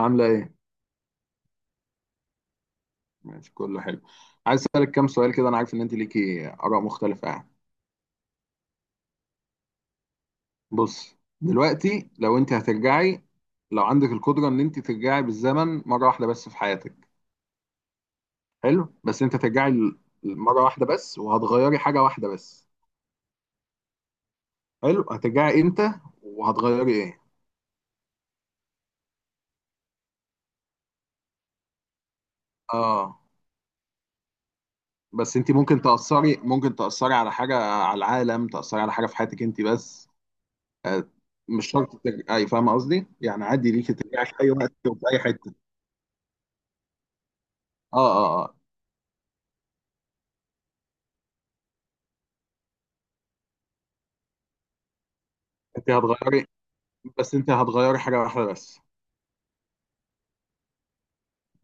عاملة ايه؟ ماشي، كله حلو. عايز اسألك كام سؤال كده، انا عارف ان انت ليكي آراء مختلفة يعني. بص، دلوقتي لو انت هترجعي، لو عندك القدرة ان انت ترجعي بالزمن مرة واحدة بس في حياتك. حلو، بس انت هترجعي مرة واحدة بس، وهتغيري حاجة واحدة بس. حلو، هترجعي امتى وهتغيري ايه؟ اه، بس انت ممكن تأثري، على حاجة، على العالم، تأثري على حاجة في حياتك انت بس. آه، مش شرط ترجعي، فاهمة قصدي؟ يعني عادي ليكي ترجعي في اي وقت وفي اي حتة. اه، اه، اه. انت هتغيري، بس انت هتغيري حاجه واحده بس.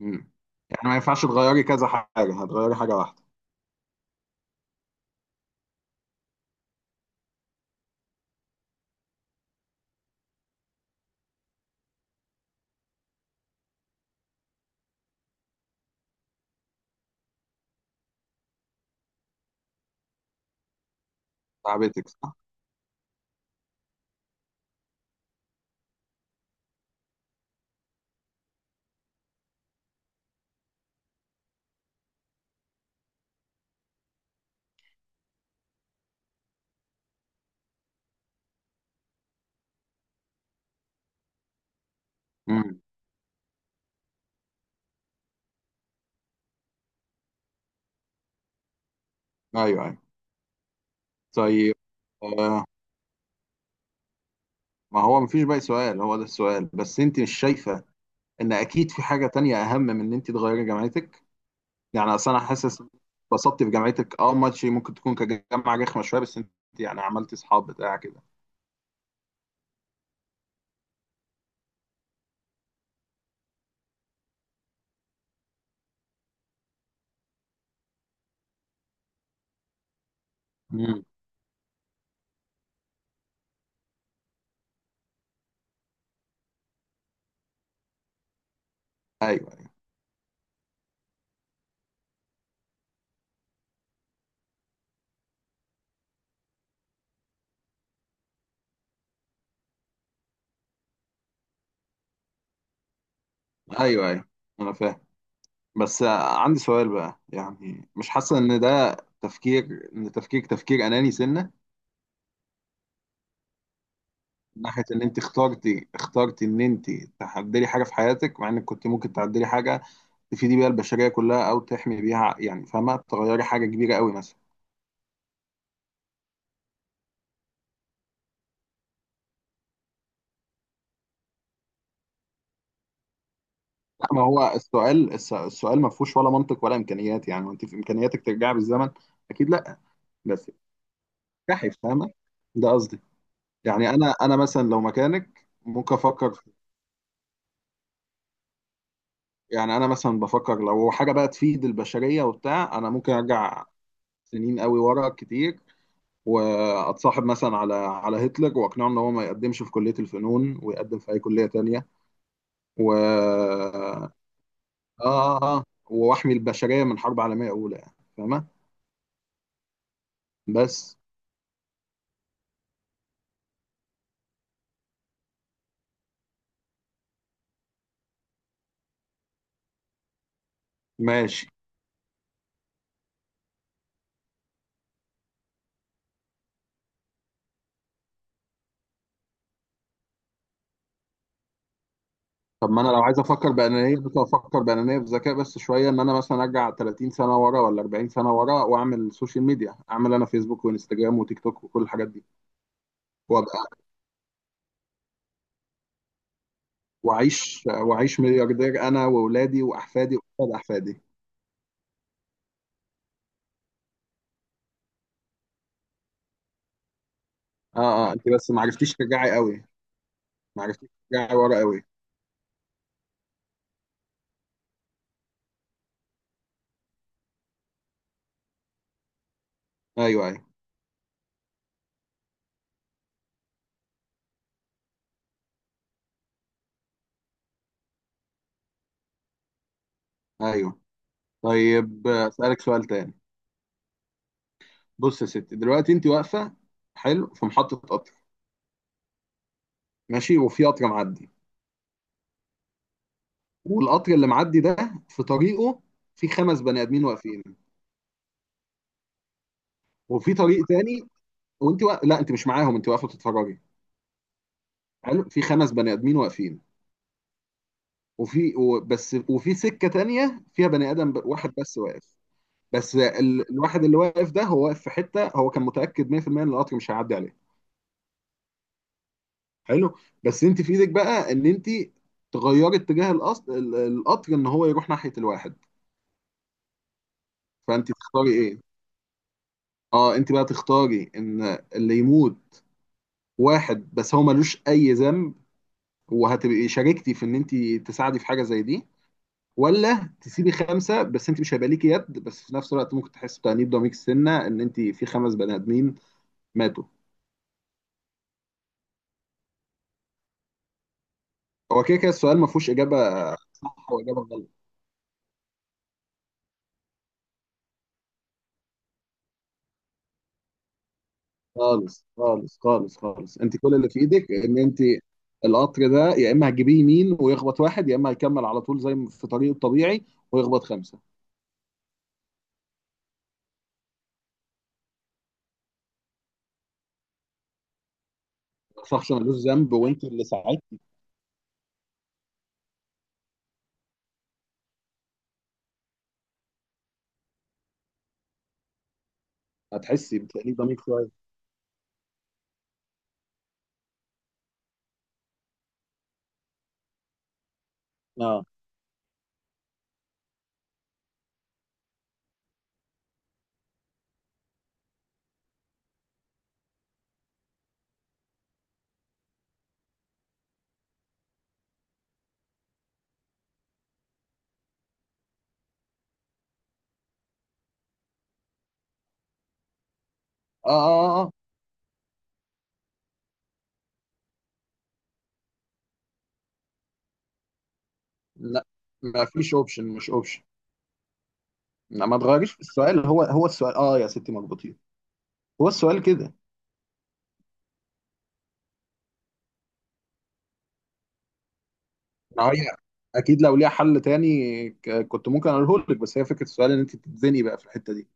امم يعني ما ينفعش تغيري كذا حاجه، هتغيري حاجه واحده. تعبتك، صح. امم. ايوه، ايوه. طيب. آه ما هو مفيش باقي سؤال، هو ده السؤال، بس انت مش شايفه ان اكيد في حاجه تانية اهم من ان انت تغيري جامعتك. يعني اصل انا حاسس اتبسطت في جامعتك، اه ماشي، ممكن تكون كجامعه رخمه شويه، بس انت يعني عملتي اصحاب بتاع كده. امم. ايوه، ايوه، ايوه، ايوه، انا فاهم. بس عندي سؤال بقى، يعني مش حاسة ان ده تفكير، ان تفكير اناني سنة. من ناحية ان انت اخترتي ان انت تعدلي حاجة في حياتك، مع انك كنت ممكن تعدلي حاجة تفيدي بيها البشرية كلها او تحمي بيها، يعني فاهمة، تغيري حاجة كبيرة قوي مثلا. لا ما هو السؤال، السؤال ما فيهوش ولا منطق ولا امكانيات، يعني وانت في امكانياتك ترجعي بالزمن. اكيد لا. بس تفتحي، فاهمة، ده قصدي. يعني انا مثلا لو مكانك ممكن افكر. يعني انا مثلا بفكر لو حاجه بقى تفيد البشريه وبتاع، انا ممكن ارجع سنين قوي ورا كتير، واتصاحب مثلا على هتلر واقنعه ان هو ما يقدمش في كليه الفنون ويقدم في اي كليه تانية، و اه اه اه واحمي البشريه من حرب عالميه اولى، يعني فاهمه. بس ماشي. طب ما انا لو عايز افكر بانانيه، بس افكر بانانيه بذكاء بس شويه، ان انا مثلا ارجع 30 سنه ورا ولا 40 سنه ورا، واعمل سوشيال ميديا، اعمل انا فيسبوك وانستجرام وتيك توك وكل الحاجات دي، واعيش ملياردير انا واولادي واحفادي واولاد احفادي. اه، اه. انت بس ما عرفتيش ترجعي قوي. ما عرفتيش ترجعي ورا قوي. ايوه، ايوه، ايوه. طيب اسالك سؤال تاني. بص يا ستي، دلوقتي انت واقفه، حلو، في محطه قطر. ماشي، وفي قطر معدي، والقطر اللي معدي ده في طريقه في خمس بني ادمين واقفين. وفي طريق تاني، لا انت مش معاهم، انت واقفه بتتفرجي. حلو، في خمس بني ادمين واقفين، بس وفي سكه تانيه فيها بني ادم، واحد بس واقف. بس الواحد اللي واقف ده هو واقف في حته، هو كان متاكد 100% ان القطر مش هيعدي عليه. حلو، بس انت في ايدك بقى ان انت تغيري اتجاه القطر، القطر ان هو يروح ناحيه الواحد. فانت تختاري ايه؟ اه، انت بقى تختاري ان اللي يموت واحد بس هو ملوش اي ذنب، وهتبقي شاركتي في ان انت تساعدي في حاجه زي دي، ولا تسيبي خمسه، بس انت مش هيبقى ليكي يد، بس في نفس الوقت ممكن تحسي بتأنيب ضمير السنه ان انت في خمس بني ادمين ماتوا. هو كده كده السؤال ما فيهوش اجابه صح واجابه غلط. خالص، خالص، خالص، خالص، انت كل اللي في ايدك ان انت القطر ده يا اما هتجيبيه يمين ويخبط واحد، يا اما هيكمل على طول زي ما في طريقه الطبيعي ويخبط خمسه. شخص ملوش ذنب وانت اللي ساعدتي. هتحسي بتأنيب ضمير شويه. اه، اه، اه، اه. لا ما فيش اوبشن، مش اوبشن. لا، ما تغيريش في السؤال، هو السؤال، اه يا ستي، مظبوطين. هو السؤال كده. ما هي اكيد لو ليها حل تاني كنت ممكن اقوله لك، بس هي فكره السؤال ان انت بتتزنقي بقى في الحته دي.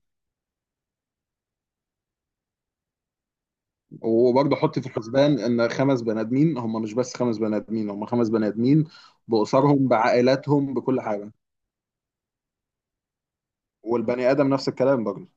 وبرضه حط في الحسبان ان خمس بني ادمين هم مش بس خمس بني ادمين، هم خمس بني ادمين باسرهم، بعائلاتهم، بكل حاجه. والبني ادم نفس الكلام برضه.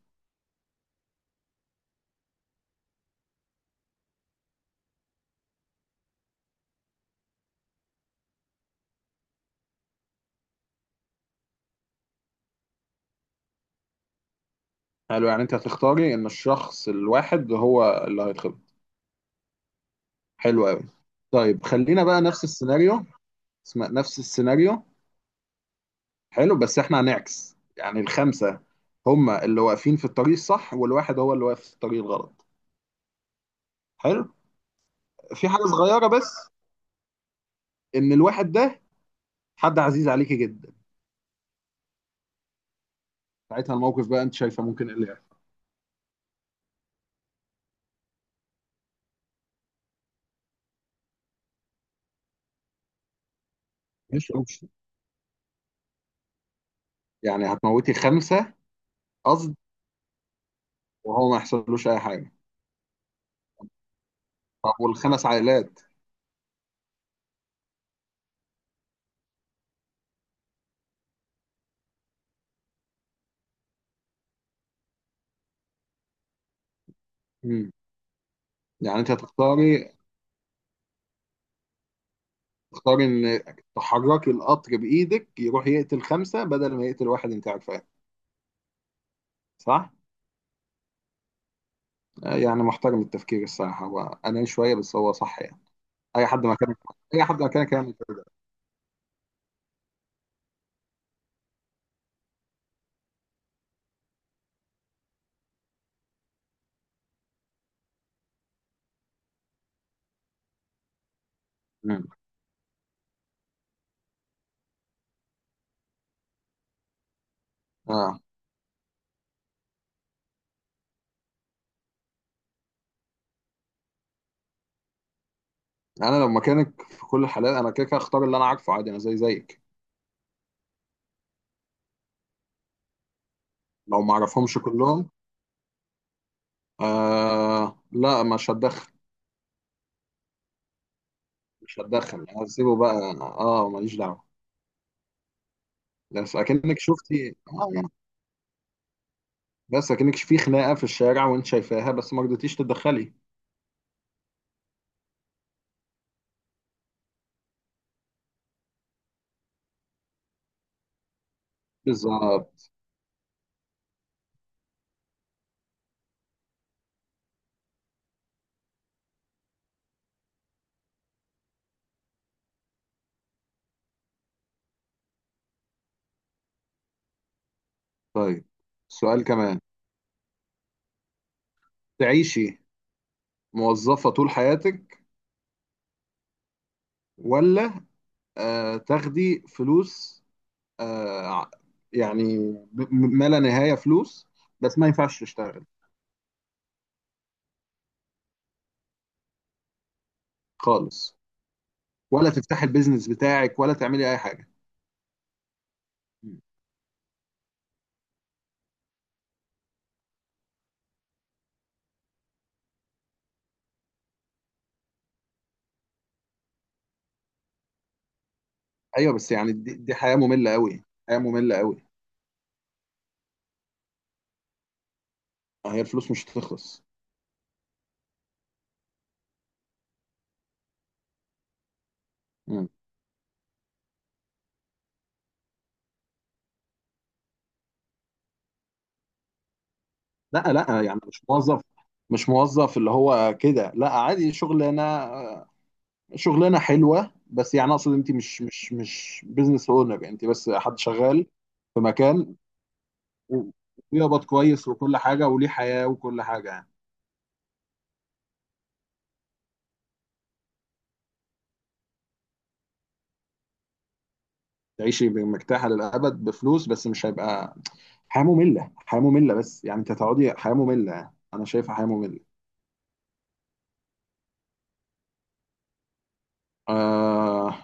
حلو، يعني انت هتختاري ان الشخص الواحد هو اللي هيتخبط. حلو قوي. طيب خلينا بقى نفس السيناريو. اسمع، نفس السيناريو، حلو، بس احنا هنعكس، يعني الخمسه هم اللي واقفين في الطريق الصح والواحد هو اللي واقف في الطريق الغلط. حلو، في حاجه صغيره بس، ان الواحد ده حد عزيز عليكي جدا. ساعتها الموقف بقى انت شايفه ممكن ايه اللي يحصل. مش اوبشن. يعني هتموتي خمسه. قصد، وهو ما يحصلوش اي حاجه. طب والخمس عائلات؟ مم. يعني انت هتختاري، ان تحركي القطر بايدك يروح يقتل خمسه بدل ما يقتل واحد انت عارفاه. صح؟ يعني محترم التفكير الصراحه، هو انا شويه بس هو صح يعني. اي حد مكانك، اي حد مكانك يعمل كده. مم. اه، انا لو مكانك في كل الحالات انا كده كده هختار اللي انا عارفه، عادي، انا زي زيك. لو ما اعرفهمش كلهم، لا مش هتدخل. مش هتدخل، انا هسيبه بقى، اه، ماليش دعوه. بس اكنك شفتي يعني، بس اكنك في خناقه في الشارع وانت شايفاها بس ما رضيتيش تتدخلي. بالظبط. طيب سؤال كمان. تعيشي موظفه طول حياتك، ولا تاخدي فلوس، آه ع- يعني ما لا نهايه فلوس، بس ما ينفعش تشتغل خالص، ولا تفتحي البيزنس بتاعك، ولا تعملي اي حاجه. ايوه بس يعني دي حياه ممله قوي. حياه ممله قوي. هي الفلوس مش هتخلص. مم. لا لا، يعني مش موظف، مش موظف اللي هو كده، لا عادي شغلانه حلوه، بس يعني اقصد انت مش بزنس اونر، انت بس حد شغال في مكان، و- وبيقبض كويس وكل حاجه وليه حياه وكل حاجه يعني. تعيشي مرتاحه للابد بفلوس، بس مش هيبقى حياه ممله، حياه ممله، بس يعني انت هتقعدي حياه ممله يعني. انا شايفها حياه ممله. آه...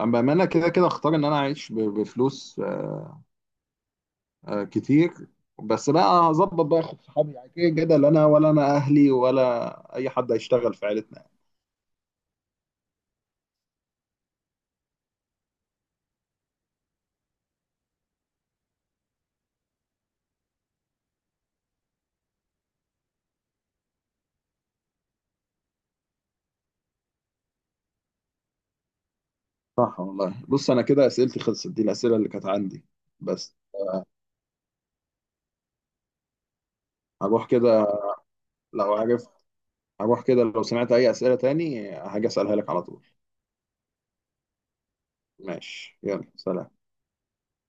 اما انا كده كده اختار ان انا اعيش بفلوس، كتير. بس بقى هظبط بقى اخد صحابي، يعني كده كده لا انا ولا اهلي ولا اي حد هيشتغل في عيلتنا يعني. صح والله. بص انا كده اسئلتي خلصت، دي الاسئله اللي كانت عندي، بس هروح كده. لو عارف لو سمعت اي اسئله تاني هاجي اسالها لك على طول. ماشي، يلا، سلام.